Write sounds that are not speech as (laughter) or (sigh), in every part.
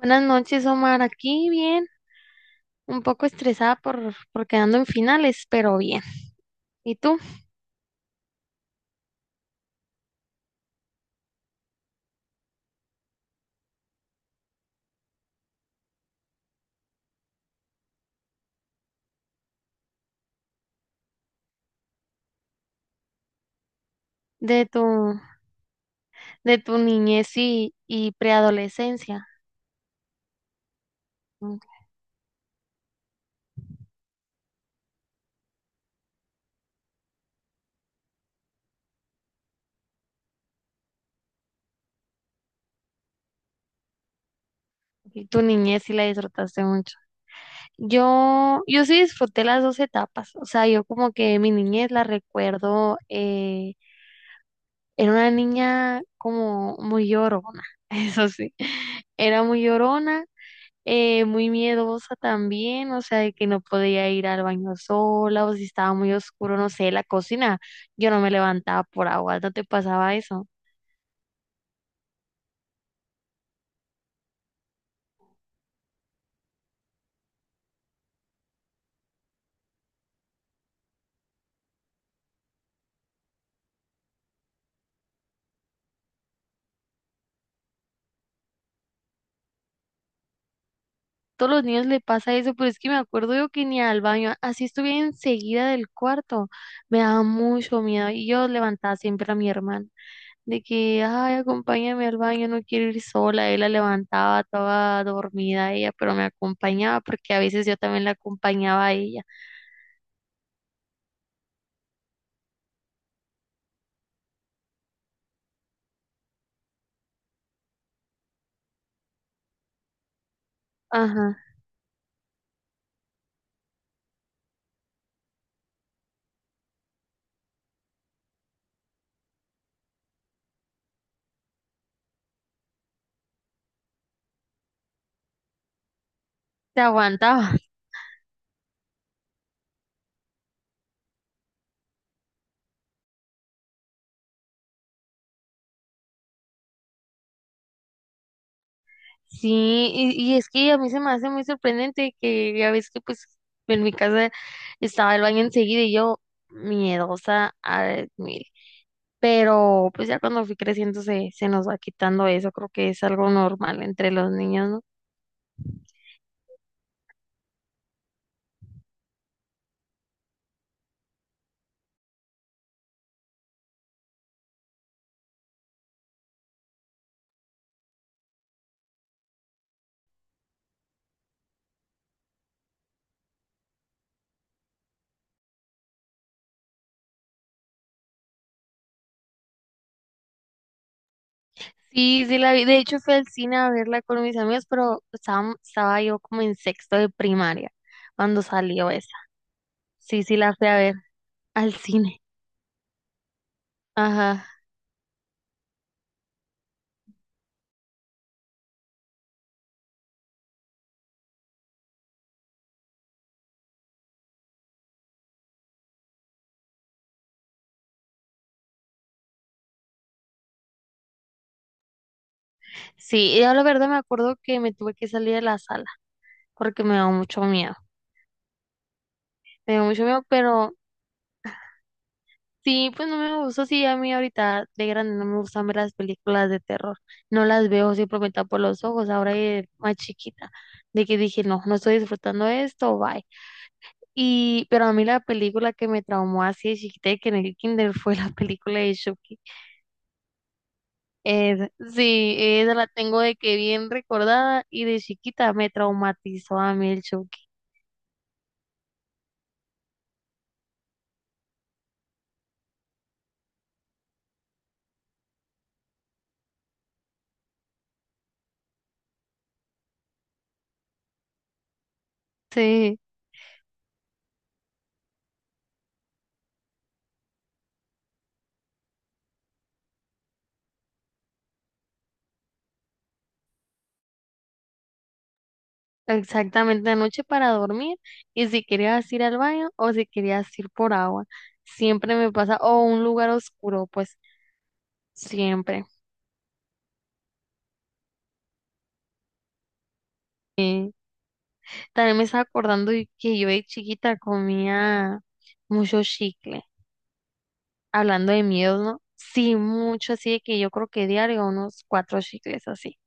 Buenas noches, Omar. Aquí bien, un poco estresada por quedando en finales, pero bien. ¿Y tú? De tu, de tu niñez y preadolescencia. ¿No? Y tu niñez sí la disfrutaste mucho. Yo sí disfruté las dos etapas. O sea, yo como que mi niñez la recuerdo, era una niña como muy llorona, (laughs) eso sí. Era muy llorona, muy miedosa también, o sea, de que no podía ir al baño sola o si estaba muy oscuro, no sé, la cocina, yo no me levantaba por agua, ¿no te pasaba eso? Todos los niños le pasa eso, pero es que me acuerdo yo que ni al baño, así estuviera enseguida del cuarto, me daba mucho miedo y yo levantaba siempre a mi hermana de que, ay, acompáñame al baño, no quiero ir sola, él la levantaba toda dormida ella, pero me acompañaba porque a veces yo también la acompañaba a ella. Ajá, te aguantaba. Sí, y es que a mí se me hace muy sorprendente que ya ves que pues en mi casa estaba el baño enseguida y yo miedosa al mil. Pero pues ya cuando fui creciendo se nos va quitando eso, creo que es algo normal entre los niños, ¿no? Sí, sí la vi, de hecho fui al cine a verla con mis amigos, pero estaba yo como en sexto de primaria cuando salió esa. Sí, sí la fui a ver al cine. Ajá. Sí, yo la verdad me acuerdo que me tuve que salir de la sala, porque me da mucho miedo. Me da mucho miedo, pero sí, pues no me gusta. Sí, a mí ahorita de grande no me gustan ver las películas de terror. No las veo siempre simplemente por los ojos, ahora de más chiquita, de que dije, no, no estoy disfrutando de esto, bye. Y, pero a mí la película que me traumó así de chiquita de que en el kinder fue la película de Chucky. Sí, esa la tengo de que bien recordada y de chiquita me traumatizó a mí el Chucky. Sí. Exactamente, anoche para dormir y si querías ir al baño o si querías ir por agua, siempre me pasa, o un lugar oscuro, pues siempre. Eh, También me estaba acordando y que yo de chiquita comía mucho chicle, hablando de miedos, ¿no? Sí, mucho, así de que yo creo que diario unos cuatro chicles así.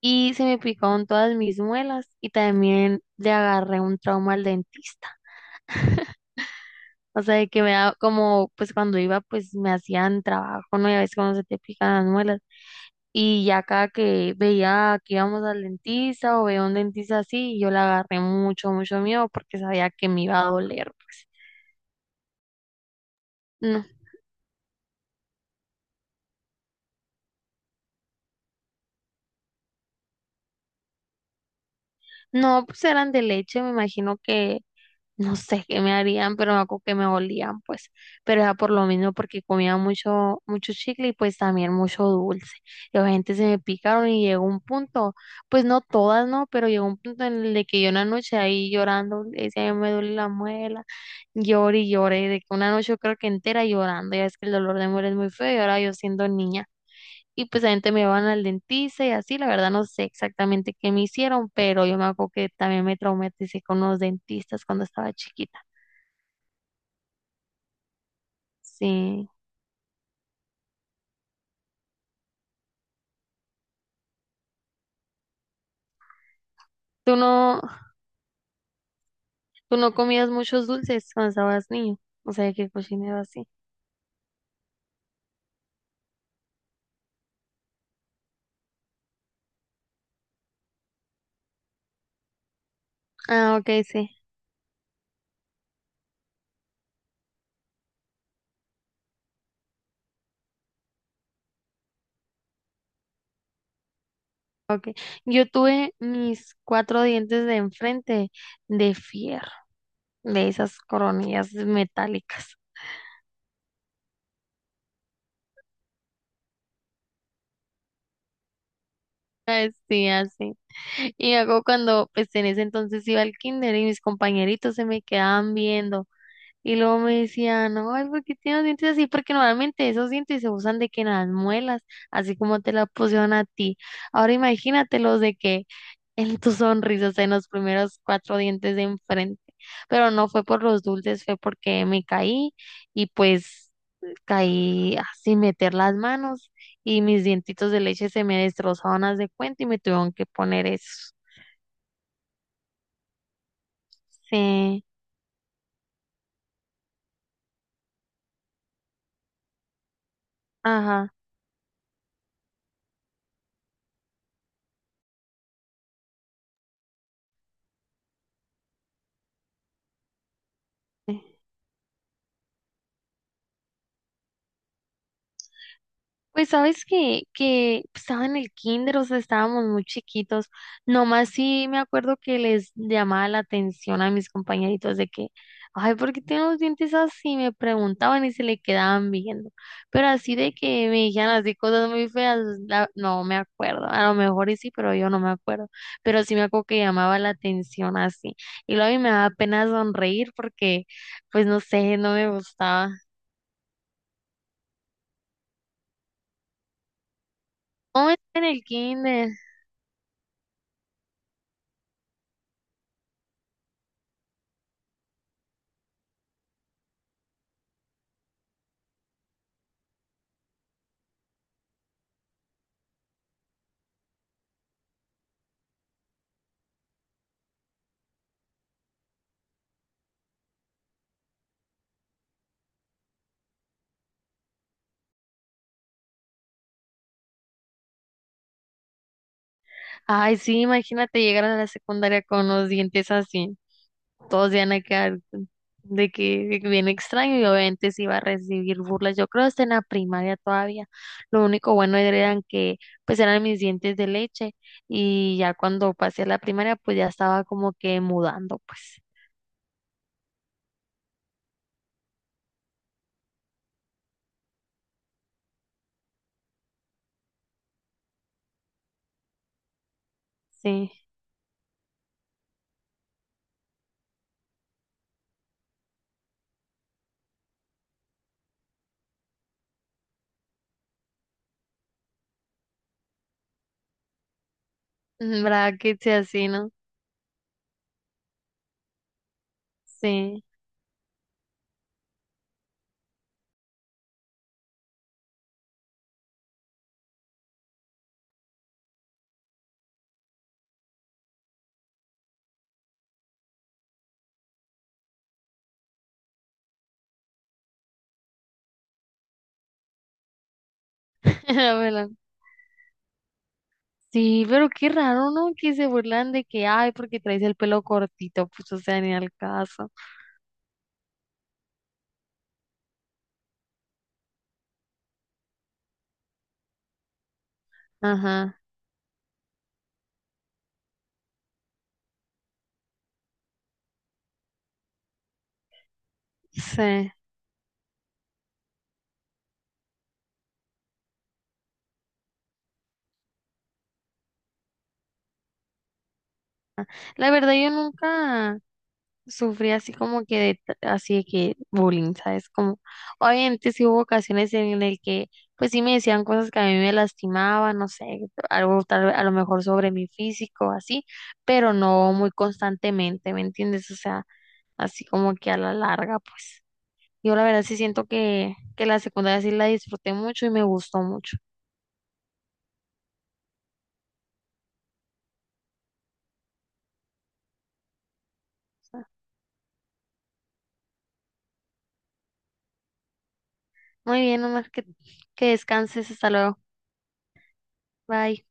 Y se me picaron todas mis muelas y también le agarré un trauma al dentista. O sea, de que me da como, pues cuando iba, pues me hacían trabajo, ¿no? Y a veces cuando se te pican las muelas. Y ya cada que veía que íbamos al dentista o veía un dentista así, yo le agarré mucho, mucho miedo porque sabía que me iba a doler, pues. No, no, pues eran de leche, me imagino que no sé qué me harían, pero me acuerdo que me olían, pues. Pero era por lo mismo, porque comía mucho, mucho chicle y pues también mucho dulce. Y la gente se me picaron y llegó un punto, pues no todas, ¿no? Pero llegó un punto en el de que yo una noche ahí llorando, le decía, "Ay, me duele la muela," lloré y lloré, de que una noche yo creo que entera llorando, ya es que el dolor de muela es muy feo y ahora yo siendo niña y pues también te me van al dentista y así, la verdad no sé exactamente qué me hicieron, pero yo me acuerdo que también me traumaticé con los dentistas cuando estaba chiquita. Sí. ¿Tú no, tú no comías muchos dulces cuando estabas niño? O sea, que cocinero así. Ah, ok, sí. Ok. Yo tuve mis cuatro dientes de enfrente de fierro, de esas coronillas metálicas. (laughs) Ay, sí, así. Y hago cuando, pues en ese entonces iba al kinder y mis compañeritos se me quedaban viendo. Y luego me decían, ay, ¿por qué tienes los dientes así? Porque normalmente esos dientes se usan de que en las muelas, así como te la pusieron a ti. Ahora imagínatelos de que en tu sonrisa, o sea, en los primeros cuatro dientes de enfrente. Pero no fue por los dulces, fue porque me caí y pues caí sin meter las manos y mis dientitos de leche se me destrozaron, haz de cuenta, y me tuvieron que poner eso. Sí, ajá. Pues sabes que estaba en el kinder, o sea, estábamos muy chiquitos. Nomás sí me acuerdo que les llamaba la atención a mis compañeritos de que, ay, ¿por qué tienen los dientes así? Me preguntaban y se le quedaban viendo. Pero así de que me dijeran así cosas muy feas, no me acuerdo. A lo mejor y sí, pero yo no me acuerdo. Pero sí me acuerdo que llamaba la atención así. Y luego a mí me daba pena sonreír porque, pues no sé, no me gustaba. ¿Cómo está en el kinder? Ay, sí, imagínate llegar a la secundaria con los dientes así. Todos se van a quedar de que bien extraño y obviamente sí iba a recibir burlas. Yo creo hasta en la primaria todavía. Lo único bueno eran que pues eran mis dientes de leche y ya cuando pasé a la primaria pues ya estaba como que mudando pues. Sí. (laughs) ¿Verdad que sea así, no? Sí. (laughs) Bueno, sí, pero qué raro, ¿no? Que se burlan de que, ay, porque traes el pelo cortito, pues o sea, ni al caso. Ajá. Sí. La verdad, yo nunca sufrí así como que así de que bullying, ¿sabes? Como, obviamente sí hubo ocasiones en el que, pues sí me decían cosas que a mí me lastimaban, no sé, algo tal, a lo mejor sobre mi físico, así, pero no muy constantemente, ¿me entiendes? O sea, así como que a la larga, pues. Yo la verdad sí siento que la secundaria sí la disfruté mucho y me gustó mucho. Muy bien, Omar, que descanses, hasta luego. Bye.